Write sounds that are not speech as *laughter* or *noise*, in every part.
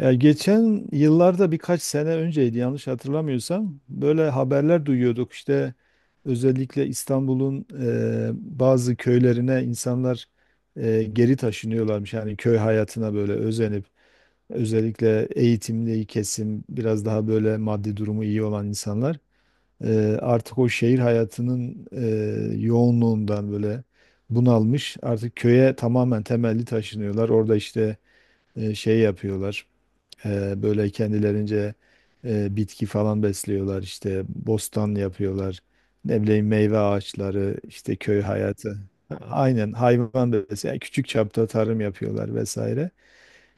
Ya geçen yıllarda birkaç sene önceydi, yanlış hatırlamıyorsam böyle haberler duyuyorduk işte, özellikle İstanbul'un bazı köylerine insanlar geri taşınıyorlarmış, yani köy hayatına böyle özenip, özellikle eğitimli kesim, biraz daha böyle maddi durumu iyi olan insanlar artık o şehir hayatının yoğunluğundan böyle bunalmış, artık köye tamamen temelli taşınıyorlar. Orada işte şey yapıyorlar. Böyle kendilerince bitki falan besliyorlar, işte bostan yapıyorlar. Ne bileyim, meyve ağaçları, işte köy hayatı. Aynen, hayvan besliyor. Yani küçük çapta tarım yapıyorlar vesaire.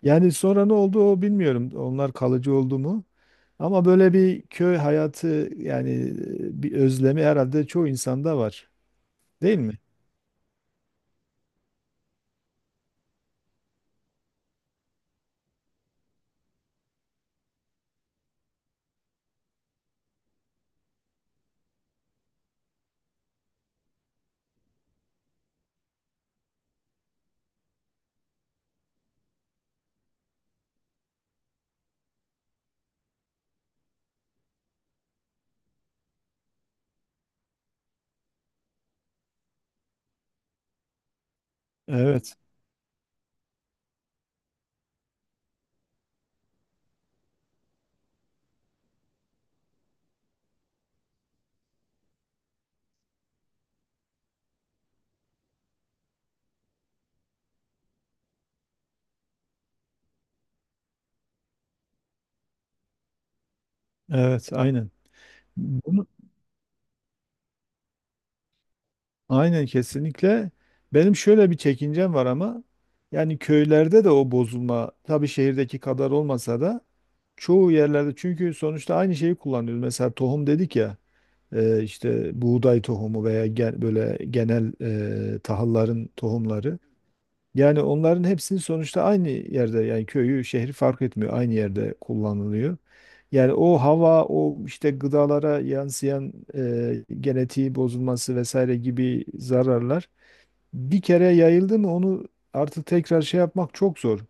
Yani sonra ne oldu o bilmiyorum. Onlar kalıcı oldu mu? Ama böyle bir köy hayatı yani, bir özlemi herhalde çoğu insanda var. Değil mi? Evet. Evet, aynen. Bunu Aynen, kesinlikle. Benim şöyle bir çekincem var, ama yani köylerde de o bozulma, tabii şehirdeki kadar olmasa da çoğu yerlerde, çünkü sonuçta aynı şeyi kullanıyoruz. Mesela tohum dedik ya, işte buğday tohumu veya böyle genel, tahılların tohumları. Yani onların hepsini sonuçta aynı yerde, yani köyü şehri fark etmiyor, aynı yerde kullanılıyor. Yani o hava, o işte gıdalara yansıyan genetiği bozulması vesaire gibi zararlar, bir kere yayıldı mı onu artık tekrar şey yapmak çok zor.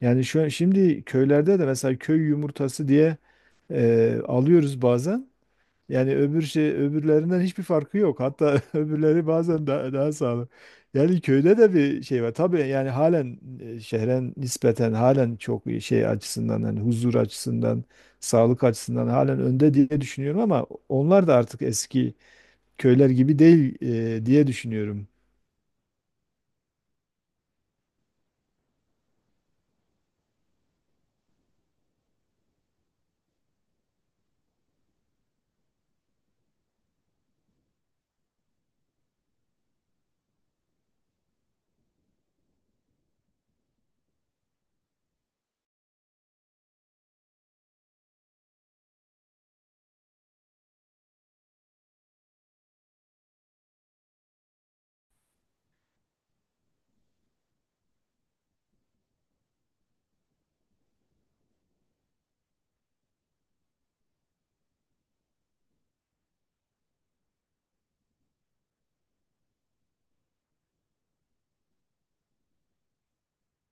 Yani şu an şimdi köylerde de, mesela köy yumurtası diye alıyoruz bazen. Yani öbür şey, öbürlerinden hiçbir farkı yok. Hatta *laughs* öbürleri bazen daha sağlıklı. Yani köyde de bir şey var. Tabii yani halen şehre nispeten halen çok iyi, şey açısından, hani huzur açısından, sağlık açısından halen önde diye düşünüyorum, ama onlar da artık eski köyler gibi değil, diye düşünüyorum.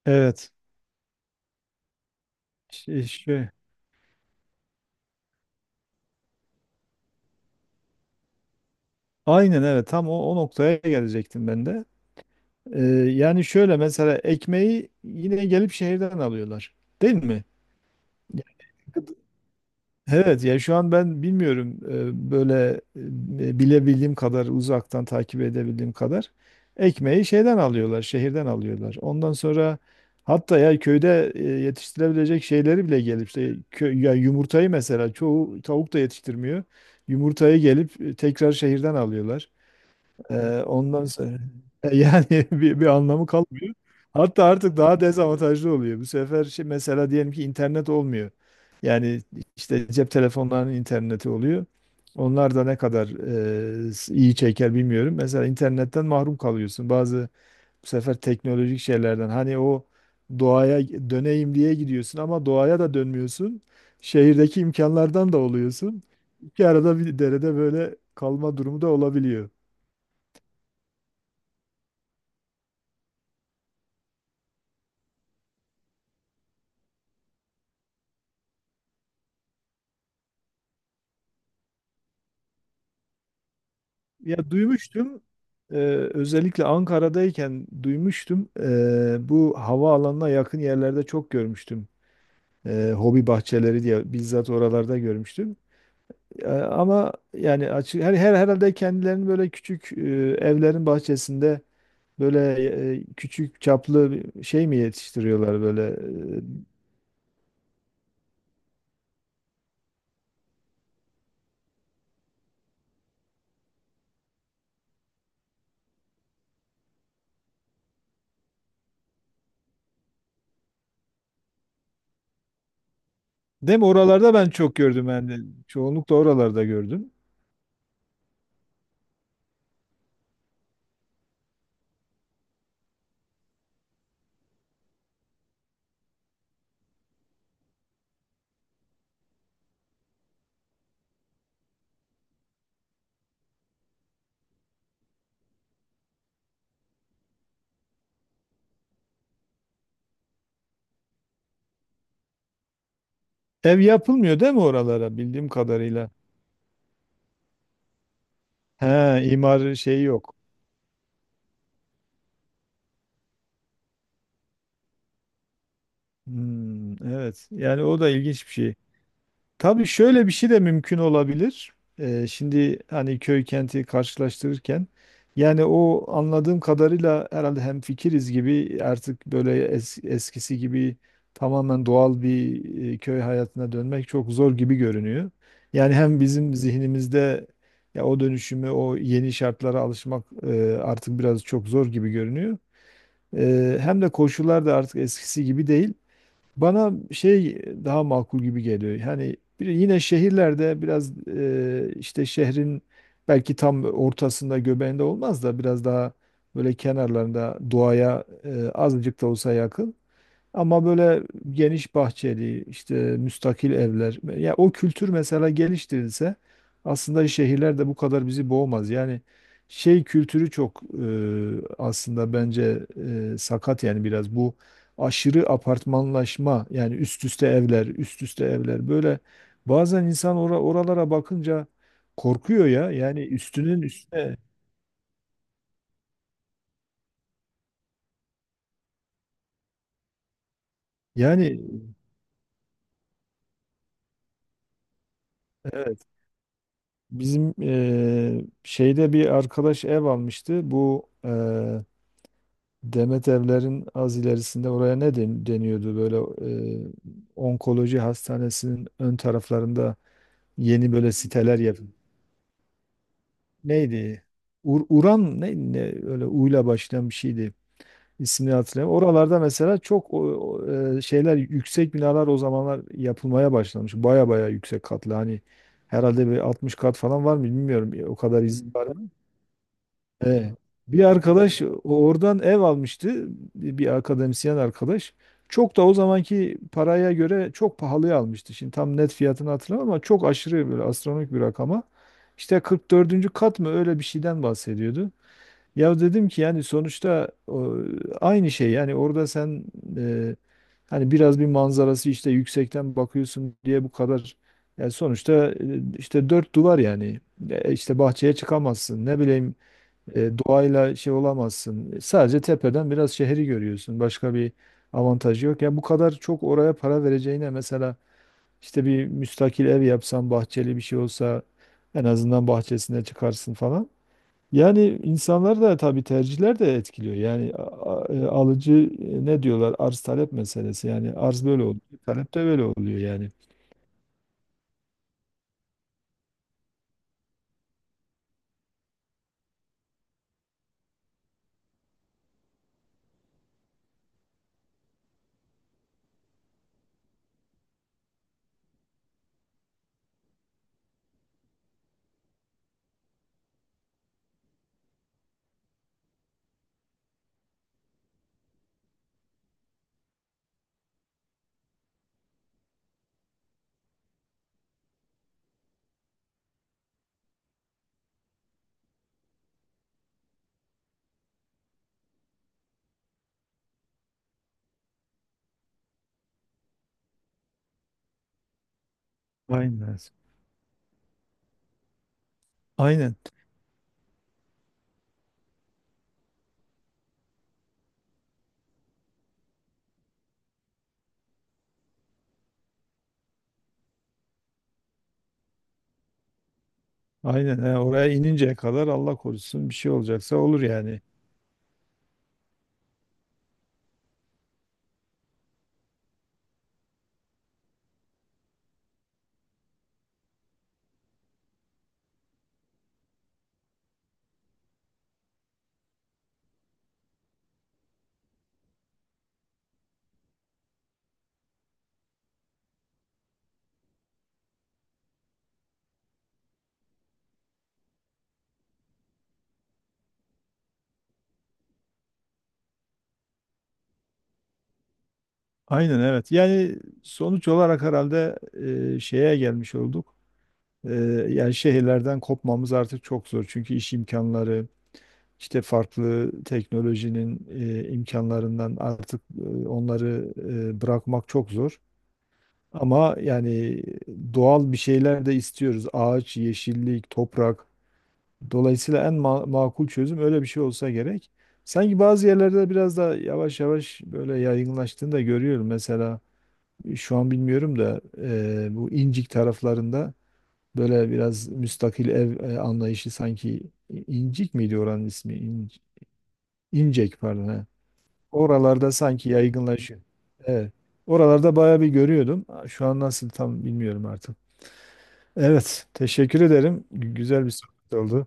Evet. Şey, şey- aynen evet, tam o noktaya gelecektim ben de. Ee, Yani şöyle, mesela ekmeği yine gelip şehirden alıyorlar. Değil mi? Ya, gıd- evet ya, şu an ben bilmiyorum, böyle, bilebildiğim kadar, uzaktan takip edebildiğim kadar, ekmeği şeyden alıyorlar, şehirden alıyorlar. Ondan sonra hatta, ya köyde yetiştirebilecek şeyleri bile gelip işte, ya yumurtayı mesela, çoğu tavuk da yetiştirmiyor. Yumurtayı gelip tekrar şehirden alıyorlar. Ondan sonra *laughs* yani bir anlamı kalmıyor. Hatta artık daha dezavantajlı oluyor. Bu sefer şey, mesela diyelim ki internet olmuyor. Yani işte cep telefonlarının interneti oluyor. Onlar da ne kadar iyi çeker bilmiyorum. Mesela internetten mahrum kalıyorsun. Bazı bu sefer teknolojik şeylerden, hani o doğaya döneyim diye gidiyorsun, ama doğaya da dönmüyorsun. Şehirdeki imkanlardan da oluyorsun. İki arada bir derede böyle kalma durumu da olabiliyor. Ya duymuştum. Ee, Özellikle Ankara'dayken duymuştum. Bu havaalanına yakın yerlerde çok görmüştüm. Hobi bahçeleri diye bizzat oralarda görmüştüm. Ama yani açık, her herhalde kendilerinin böyle küçük, evlerin bahçesinde böyle, küçük çaplı bir şey mi yetiştiriyorlar böyle? e, Değil mi? Oralarda ben çok gördüm yani. Çoğunlukla oralarda gördüm. Ev yapılmıyor değil mi oralara, bildiğim kadarıyla? He, imar şeyi yok. Hmm, evet. Yani o da ilginç bir şey. Tabii şöyle bir şey de mümkün olabilir. Şimdi hani köy kenti karşılaştırırken, yani o anladığım kadarıyla herhalde hemfikiriz gibi, artık böyle eskisi gibi tamamen doğal bir, köy hayatına dönmek çok zor gibi görünüyor. Yani hem bizim zihnimizde, ya o dönüşümü, o yeni şartlara alışmak artık biraz çok zor gibi görünüyor. Hem de koşullar da artık eskisi gibi değil. Bana şey daha makul gibi geliyor. Yani yine şehirlerde biraz, işte şehrin belki tam ortasında göbeğinde olmaz da, biraz daha böyle kenarlarında, doğaya azıcık da olsa yakın. Ama böyle geniş bahçeli, işte müstakil evler. Ya o kültür mesela geliştirilse, aslında şehirler de bu kadar bizi boğmaz. Yani şey kültürü çok, aslında bence sakat, yani biraz bu aşırı apartmanlaşma, yani üst üste evler, üst üste evler, böyle bazen insan oralara bakınca korkuyor ya. Yani üstünün üstüne yani, evet. Bizim şeyde bir arkadaş ev almıştı. Bu Demet Evler'in az ilerisinde, oraya ne deniyordu? Böyle eee, onkoloji hastanesinin ön taraflarında yeni böyle siteler. Neydi? Uran ne, öyle uyla başlayan bir şeydi. İsmini hatırlayamıyorum. Oralarda mesela çok şeyler, yüksek binalar o zamanlar yapılmaya başlamış. Baya baya yüksek katlı, hani herhalde bir 60 kat falan var mı bilmiyorum. O kadar izin var. E, Bir arkadaş oradan ev almıştı. Bir akademisyen arkadaş. Çok da o zamanki paraya göre çok pahalıya almıştı. Şimdi tam net fiyatını hatırlamam, ama çok aşırı böyle astronomik bir rakama. İşte 44. kat mı, öyle bir şeyden bahsediyordu. Ya dedim ki, yani sonuçta o, aynı şey yani, orada sen, e, hani biraz bir manzarası, işte yüksekten bakıyorsun diye bu kadar, yani sonuçta işte dört duvar yani. İşte bahçeye çıkamazsın, ne bileyim, doğayla şey olamazsın. Sadece tepeden biraz şehri görüyorsun. Başka bir avantajı yok. Ya bu kadar çok oraya para vereceğine, mesela işte bir müstakil ev yapsan, bahçeli bir şey olsa, en azından bahçesine çıkarsın falan. Yani insanlar da tabii, tercihler de etkiliyor. Yani alıcı, ne diyorlar? Arz talep meselesi. Yani arz böyle oluyor, talep de böyle oluyor yani. Aynen. Aynen. Aynen. Yani oraya ininceye kadar, Allah korusun, bir şey olacaksa olur yani. Aynen, evet. Yani sonuç olarak herhalde şeye gelmiş olduk. E, Yani şehirlerden kopmamız artık çok zor. Çünkü iş imkanları, İşte farklı teknolojinin imkanlarından artık, onları bırakmak çok zor. Ama yani doğal bir şeyler de istiyoruz. Ağaç, yeşillik, toprak. Dolayısıyla en makul çözüm öyle bir şey olsa gerek. Sanki bazı yerlerde biraz da yavaş yavaş böyle yaygınlaştığını da görüyorum. Mesela şu an bilmiyorum da, bu İncik taraflarında böyle biraz müstakil ev, anlayışı, sanki İncik miydi oranın ismi? İncek pardon. He. Oralarda sanki yaygınlaşıyor. Evet. Oralarda bayağı bir görüyordum. Şu an nasıl tam bilmiyorum artık. Evet, teşekkür ederim. Güzel bir sohbet oldu.